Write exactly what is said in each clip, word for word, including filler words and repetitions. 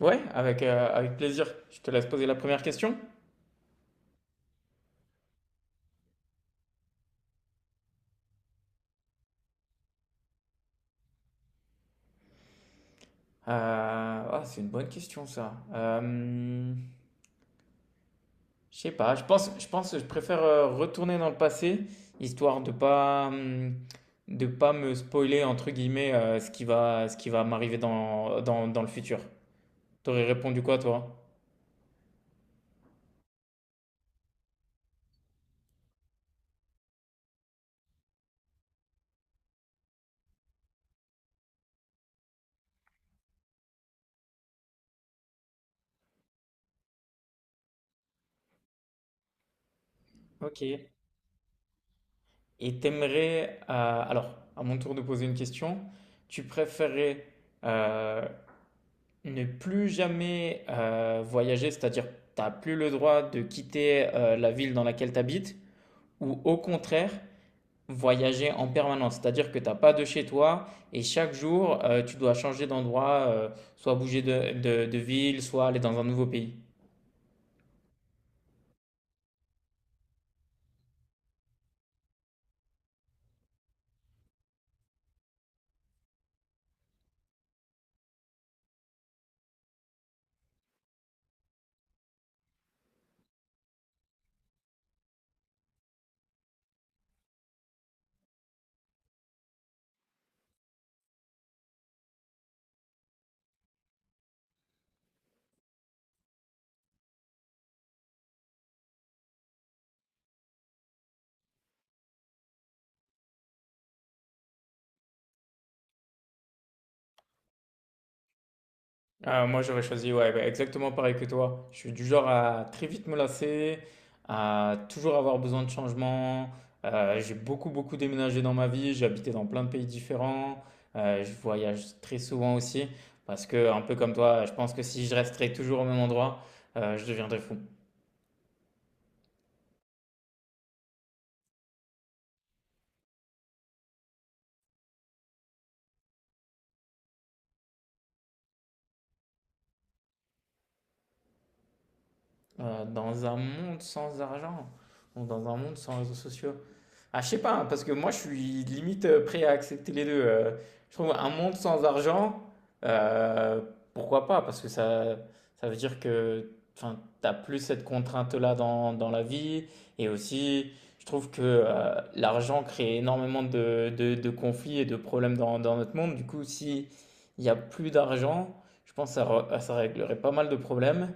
Ouais, avec, euh, avec plaisir. Je te laisse poser la première question. Euh, ah, c'est une bonne question ça. Euh, je sais pas. Je pense, je pense que je préfère euh, retourner dans le passé, histoire de pas, hum, de pas me spoiler entre guillemets euh, ce qui va, ce qui va m'arriver dans, dans, dans le futur. T'aurais répondu quoi toi? Ok. Et t'aimerais, euh, alors, à mon tour de poser une question, tu préférais euh, ne plus jamais euh, voyager, c'est-à-dire t'as plus le droit de quitter euh, la ville dans laquelle t'habites, ou au contraire, voyager en permanence, c'est-à-dire que t'as pas de chez toi et chaque jour euh, tu dois changer d'endroit, euh, soit bouger de, de de ville, soit aller dans un nouveau pays. Ah, moi, j'aurais choisi, ouais, bah, exactement pareil que toi. Je suis du genre à très vite me lasser, à toujours avoir besoin de changement. Euh, j'ai beaucoup, beaucoup déménagé dans ma vie. J'ai habité dans plein de pays différents. Euh, je voyage très souvent aussi. Parce que, un peu comme toi, je pense que si je resterais toujours au même endroit, euh, je deviendrais fou. Euh, dans un monde sans argent, ou dans un monde sans réseaux sociaux, ah, je sais pas, hein, parce que moi, je suis limite euh, prêt à accepter les deux. euh. Je trouve un monde sans argent, euh, pourquoi pas? Parce que ça, ça veut dire que enfin, t'as plus cette contrainte-là dans, dans la vie. Et aussi, je trouve que euh, l'argent crée énormément de, de, de conflits et de problèmes dans, dans notre monde. Du coup, si il y a plus d'argent, je pense que ça, re- ça réglerait pas mal de problèmes.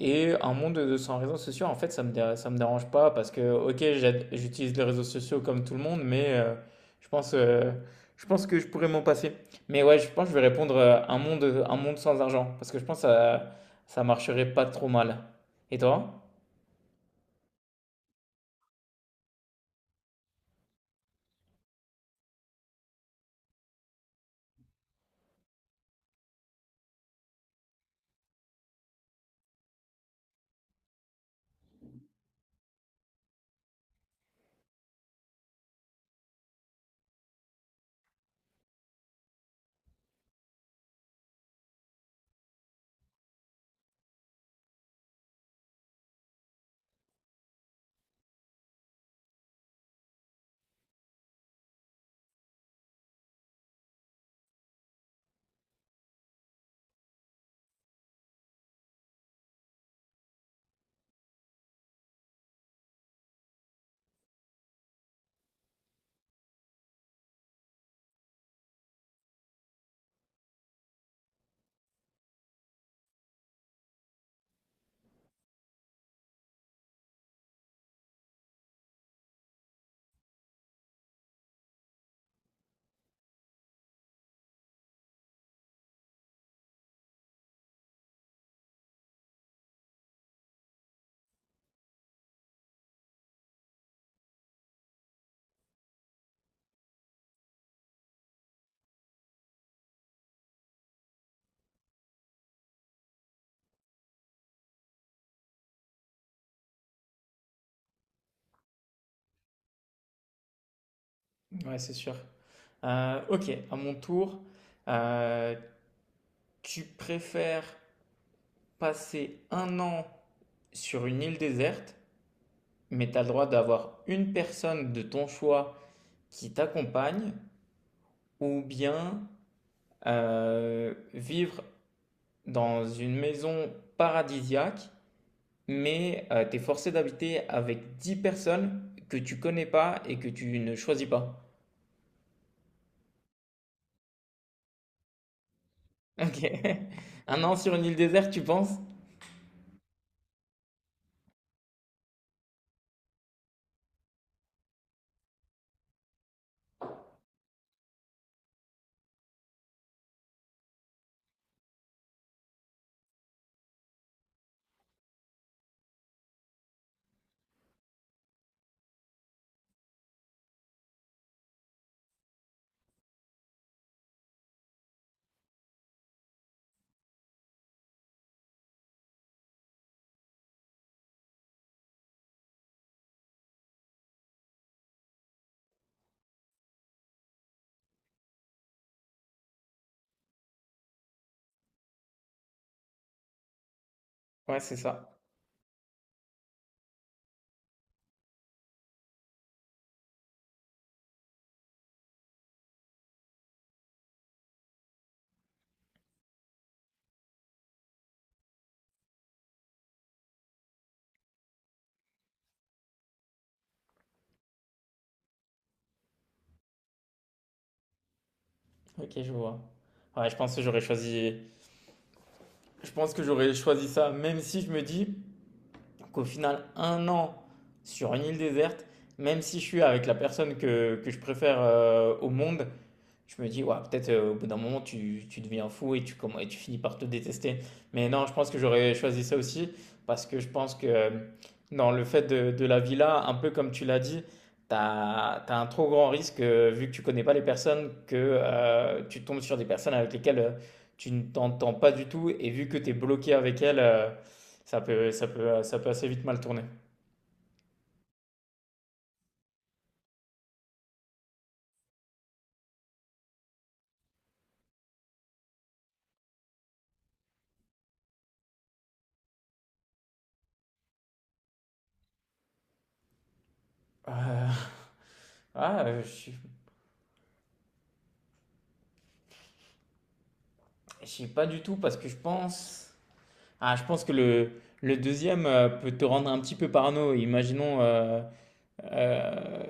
Et un monde de sans réseaux sociaux, en fait, ça me, dé- ça me dérange pas parce que, ok, j'ad- j'utilise les réseaux sociaux comme tout le monde, mais euh, je pense, euh, je pense que je pourrais m'en passer. Mais ouais, je pense que je vais répondre euh, un monde, un monde sans argent parce que je pense que ça, ça marcherait pas trop mal. Et toi? Ouais, c'est sûr. Euh, ok, à mon tour, euh, tu préfères passer un an sur une île déserte, mais tu as le droit d'avoir une personne de ton choix qui t'accompagnent ou bien euh, vivre dans une maison paradisiaque, mais euh, tu es forcé d'habiter avec dix personnes que tu connais pas et que tu ne choisis pas. Ok. Un an sur une île déserte, tu penses? Ouais, c'est ça. Ok, je vois. Ouais, je pense que j'aurais choisi. Je pense que j'aurais choisi ça, même si je me dis qu'au final, un an sur une île déserte, même si je suis avec la personne que, que je préfère euh, au monde, je me dis, ouais, peut-être euh, au bout d'un moment, tu, tu deviens fou et tu, comm- et tu finis par te détester. Mais non, je pense que j'aurais choisi ça aussi parce que je pense que euh, dans le fait de, de la villa, un peu comme tu l'as dit, tu as, un trop grand risque, euh, vu que tu connais pas les personnes, que euh, tu tombes sur des personnes avec lesquelles euh, tu ne t'entends pas du tout et vu que tu es bloqué avec elles, euh, ça peut, ça peut, ça peut assez vite mal tourner. Euh, ah, euh, je ne sais pas du tout parce que je pense. Ah, je pense que le, le deuxième euh, peut te rendre un petit peu parano. Imaginons, euh, euh,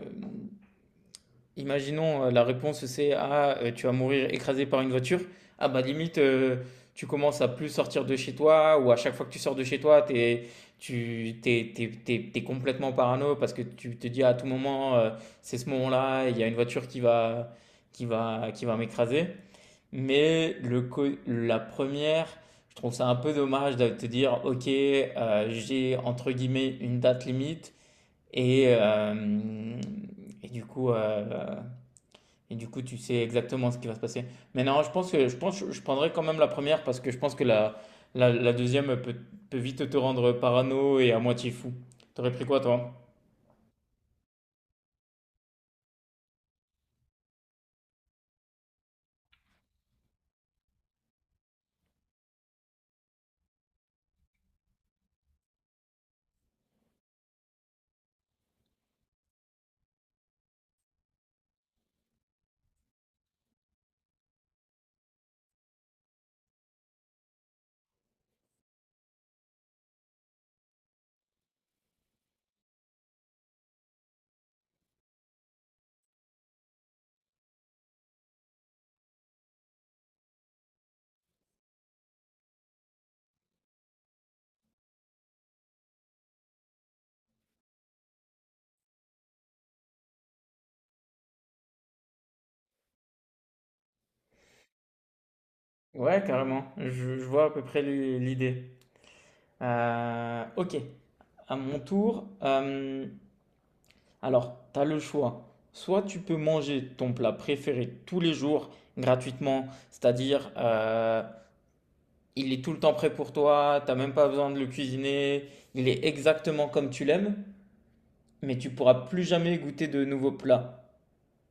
imaginons euh, la réponse c'est ah euh, tu vas mourir écrasé par une voiture. Ah bah limite euh, tu commences à plus sortir de chez toi ou à chaque fois que tu sors de chez toi t'es tu t'es, t'es- t'es- t'es complètement parano parce que tu te dis à tout moment euh, c'est ce moment-là il y a une voiture qui va qui va qui va m'écraser. Mais le co- la première, je trouve ça un peu dommage de te dire, ok, euh, j'ai entre guillemets une date limite et, euh, et du coup, euh, et du coup, tu sais exactement ce qui va se passer. Mais non, je pense que je pense que je prendrais quand même la première parce que je pense que la, la, la deuxième peut, peut vite te rendre parano et à moitié fou. T'aurais pris quoi, toi? Ouais, carrément. Je, je vois à peu près l'i- l'idée. Euh, ok. À mon tour, euh, alors, tu as le choix. Soit tu peux manger ton plat préféré tous les jours gratuitement, c'est-à-dire euh, il est tout le temps prêt pour toi, t'as même pas besoin de le cuisiner, il est exactement comme tu l'aimes, mais tu pourras plus jamais goûter de nouveaux plats.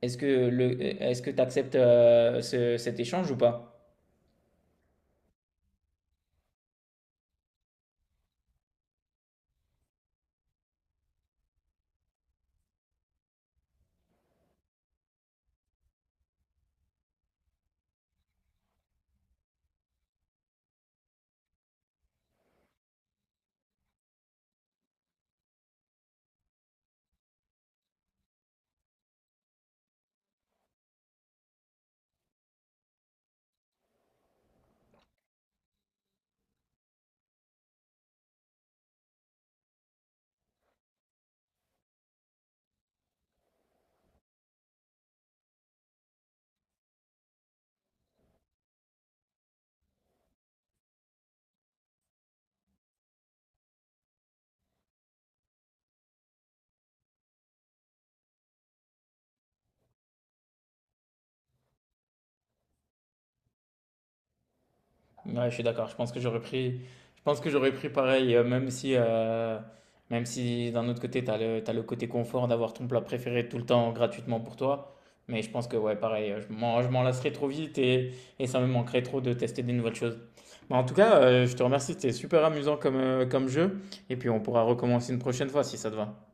Est-ce que le, est-ce que tu acceptes cet échange ou pas? Ouais, je suis d'accord. Je pense que j'aurais pris, je pense que j'aurais pris pareil, euh, même si, euh, même si d'un autre côté, tu as le, t'as le côté confort d'avoir ton plat préféré tout le temps gratuitement pour toi. Mais je pense que, ouais, pareil, euh, je m'en, je m'en lasserais trop vite et, et ça me manquerait trop de tester des nouvelles choses. Mais en tout cas, euh, je te remercie. C'était super amusant comme, euh, comme jeu. Et puis, on pourra recommencer une prochaine fois si ça te va.